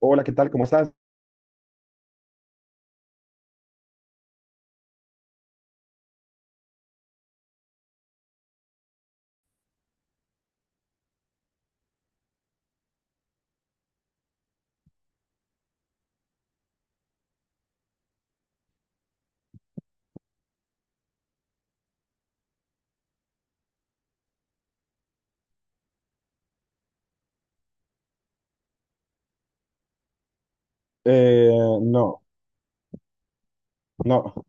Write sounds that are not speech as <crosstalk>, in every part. Hola, ¿qué tal? ¿Cómo estás? Eh, no, no,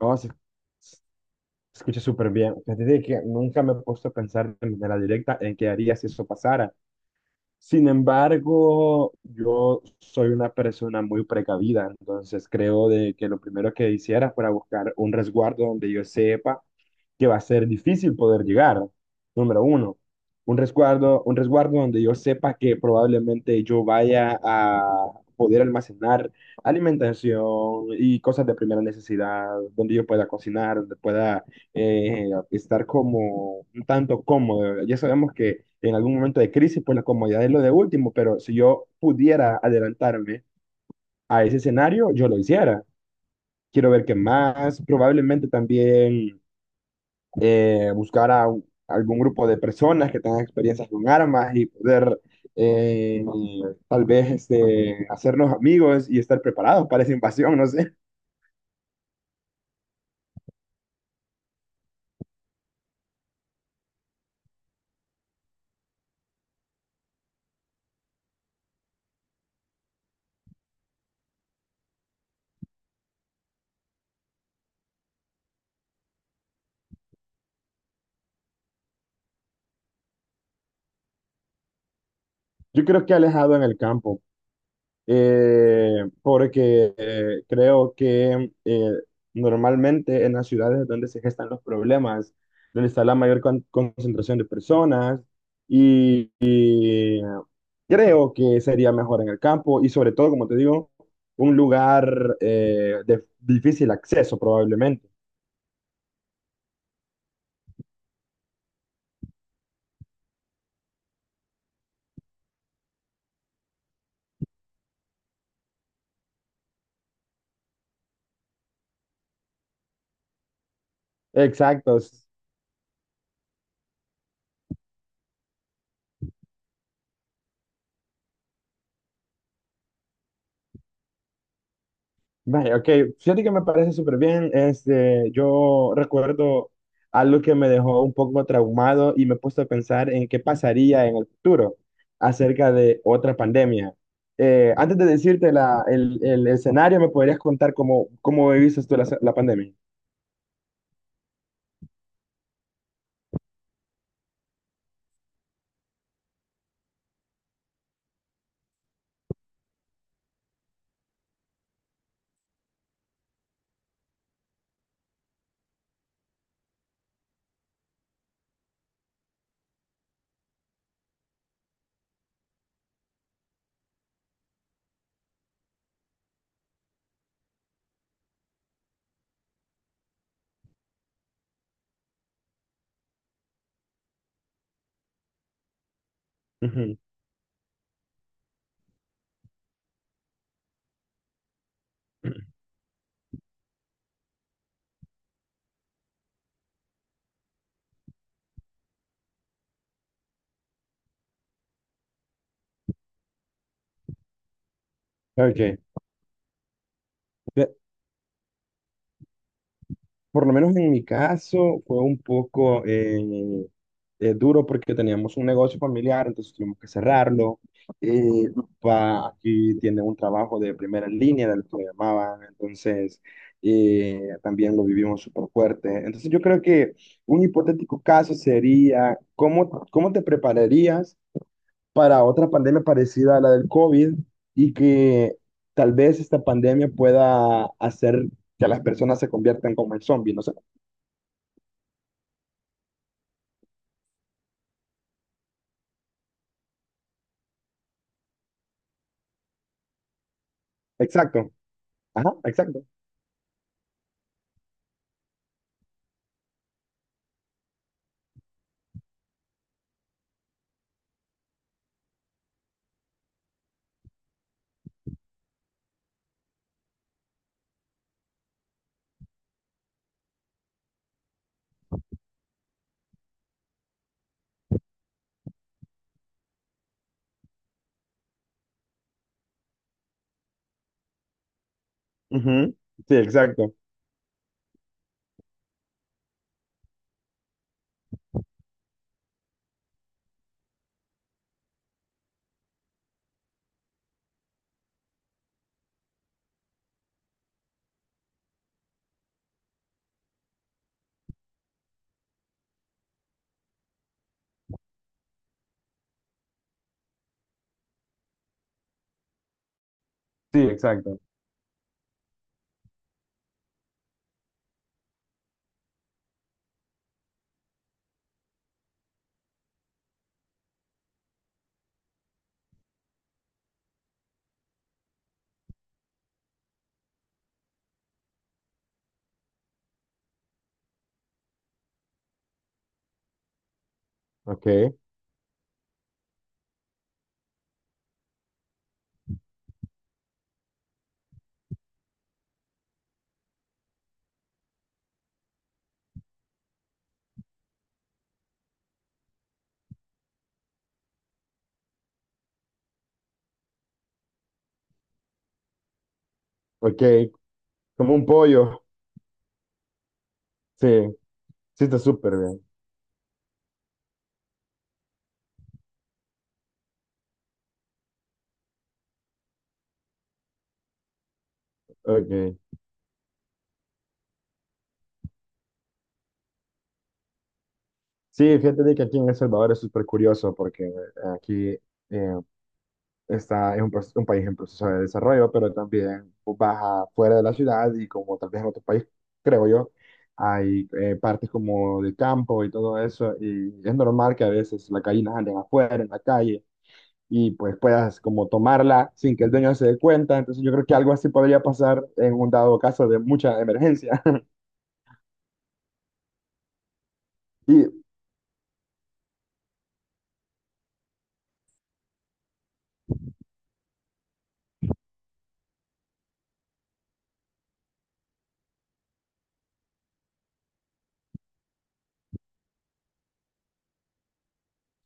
no, se escucha súper bien. Fíjate de que nunca me he puesto a pensar de manera directa en qué haría si eso pasara. Sin embargo, yo soy una persona muy precavida, entonces creo de que lo primero que hiciera fuera buscar un resguardo donde yo sepa que va a ser difícil poder llegar. Número uno, un resguardo donde yo sepa que probablemente yo vaya a poder almacenar alimentación y cosas de primera necesidad, donde yo pueda cocinar, donde pueda estar como tanto cómodo. Ya sabemos que en algún momento de crisis, pues la comodidad es lo de último, pero si yo pudiera adelantarme a ese escenario, yo lo hiciera. Quiero ver qué más, probablemente también buscar a algún grupo de personas que tengan experiencias con armas y poder eh, tal vez este, hacernos amigos y estar preparados para esa invasión, no sé. Yo creo que alejado en el campo. Porque creo que normalmente en las ciudades es donde se gestan los problemas, donde está la mayor concentración de personas y creo que sería mejor en el campo y sobre todo, como te digo, un lugar de difícil acceso probablemente. Exacto. Vaya, ok, fíjate que me parece súper bien. Este, yo recuerdo algo que me dejó un poco traumado y me he puesto a pensar en qué pasaría en el futuro acerca de otra pandemia. Antes de decirte el escenario, ¿me podrías contar cómo, cómo viviste tú la, la pandemia? Ujú. Ok. Por lo menos en mi caso fue un poco duro porque teníamos un negocio familiar, entonces tuvimos que cerrarlo. Mi papá aquí tiene un trabajo de primera línea, del que lo llamaban, entonces también lo vivimos súper fuerte. Entonces yo creo que un hipotético caso sería, ¿cómo, cómo te prepararías para otra pandemia parecida a la del COVID y que tal vez esta pandemia pueda hacer que las personas se conviertan como en zombies? No sé. Exacto. Ajá, exacto. Ujú. Sí, exacto. Sí, exacto. Ok, ok. Como un pollo. Sí, sí está súper bien. Ok. Sí, fíjate de que aquí en El Salvador es súper curioso porque aquí eh, está, es un, un país en proceso de desarrollo, pero también vos vas afuera de la ciudad y como tal vez en otro país, creo yo, hay partes como de campo y todo eso y es normal que a veces las gallinas anden afuera, en la calle y pues puedas como tomarla sin que el dueño se dé cuenta. Entonces yo creo que algo así podría pasar en un dado caso de mucha emergencia. <laughs> Y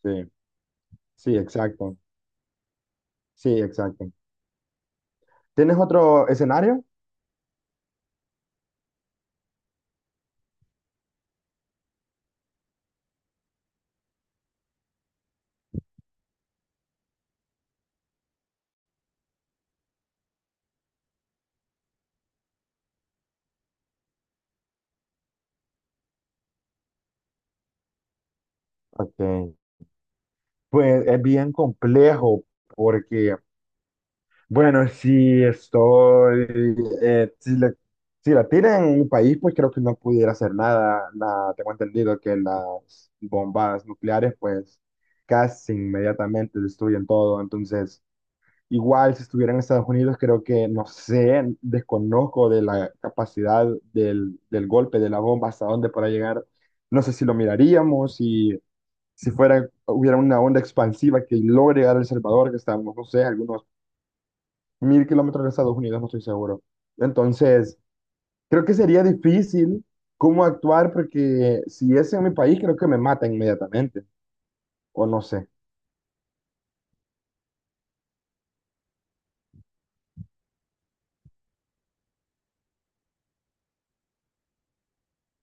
sí, sí, exacto. Sí, exacto. ¿Tienes otro escenario? Ok. Pues es bien complejo porque, bueno, si estoy, si la, si la tiran en un país, pues creo que no pudiera hacer nada. Nada, tengo entendido que las bombas nucleares, pues casi inmediatamente destruyen todo. Entonces, igual, si estuviera en Estados Unidos, creo que, no sé, desconozco de la capacidad del, del golpe, de la bomba, hasta dónde podrá llegar. No sé si lo miraríamos, si, si fuera, hubiera una onda expansiva que logre llegar a El Salvador, que estamos, no sé, algunos 1000 km de Estados Unidos, no estoy seguro. Entonces, creo que sería difícil cómo actuar, porque si es en mi país, creo que me mata inmediatamente, o no sé.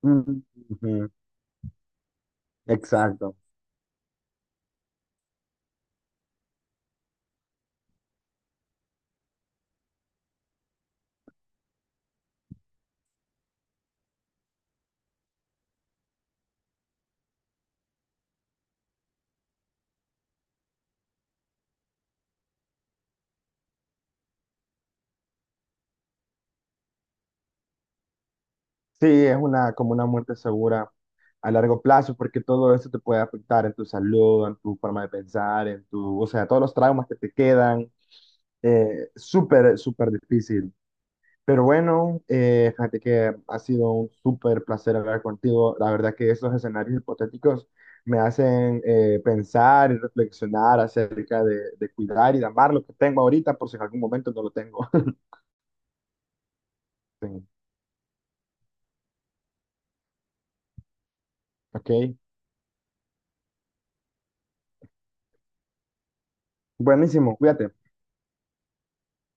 Mm, ujú, exacto. Sí, es una, como una muerte segura a largo plazo, porque todo eso te puede afectar en tu salud, en tu forma de pensar, en tu, o sea, todos los traumas que te quedan, súper, súper difícil. Pero bueno, fíjate que ha sido un súper placer hablar contigo. La verdad que esos escenarios hipotéticos me hacen pensar y reflexionar acerca de cuidar y de amar lo que tengo ahorita, por si en algún momento no lo tengo. <laughs> Sí, ok, buenísimo, cuídate.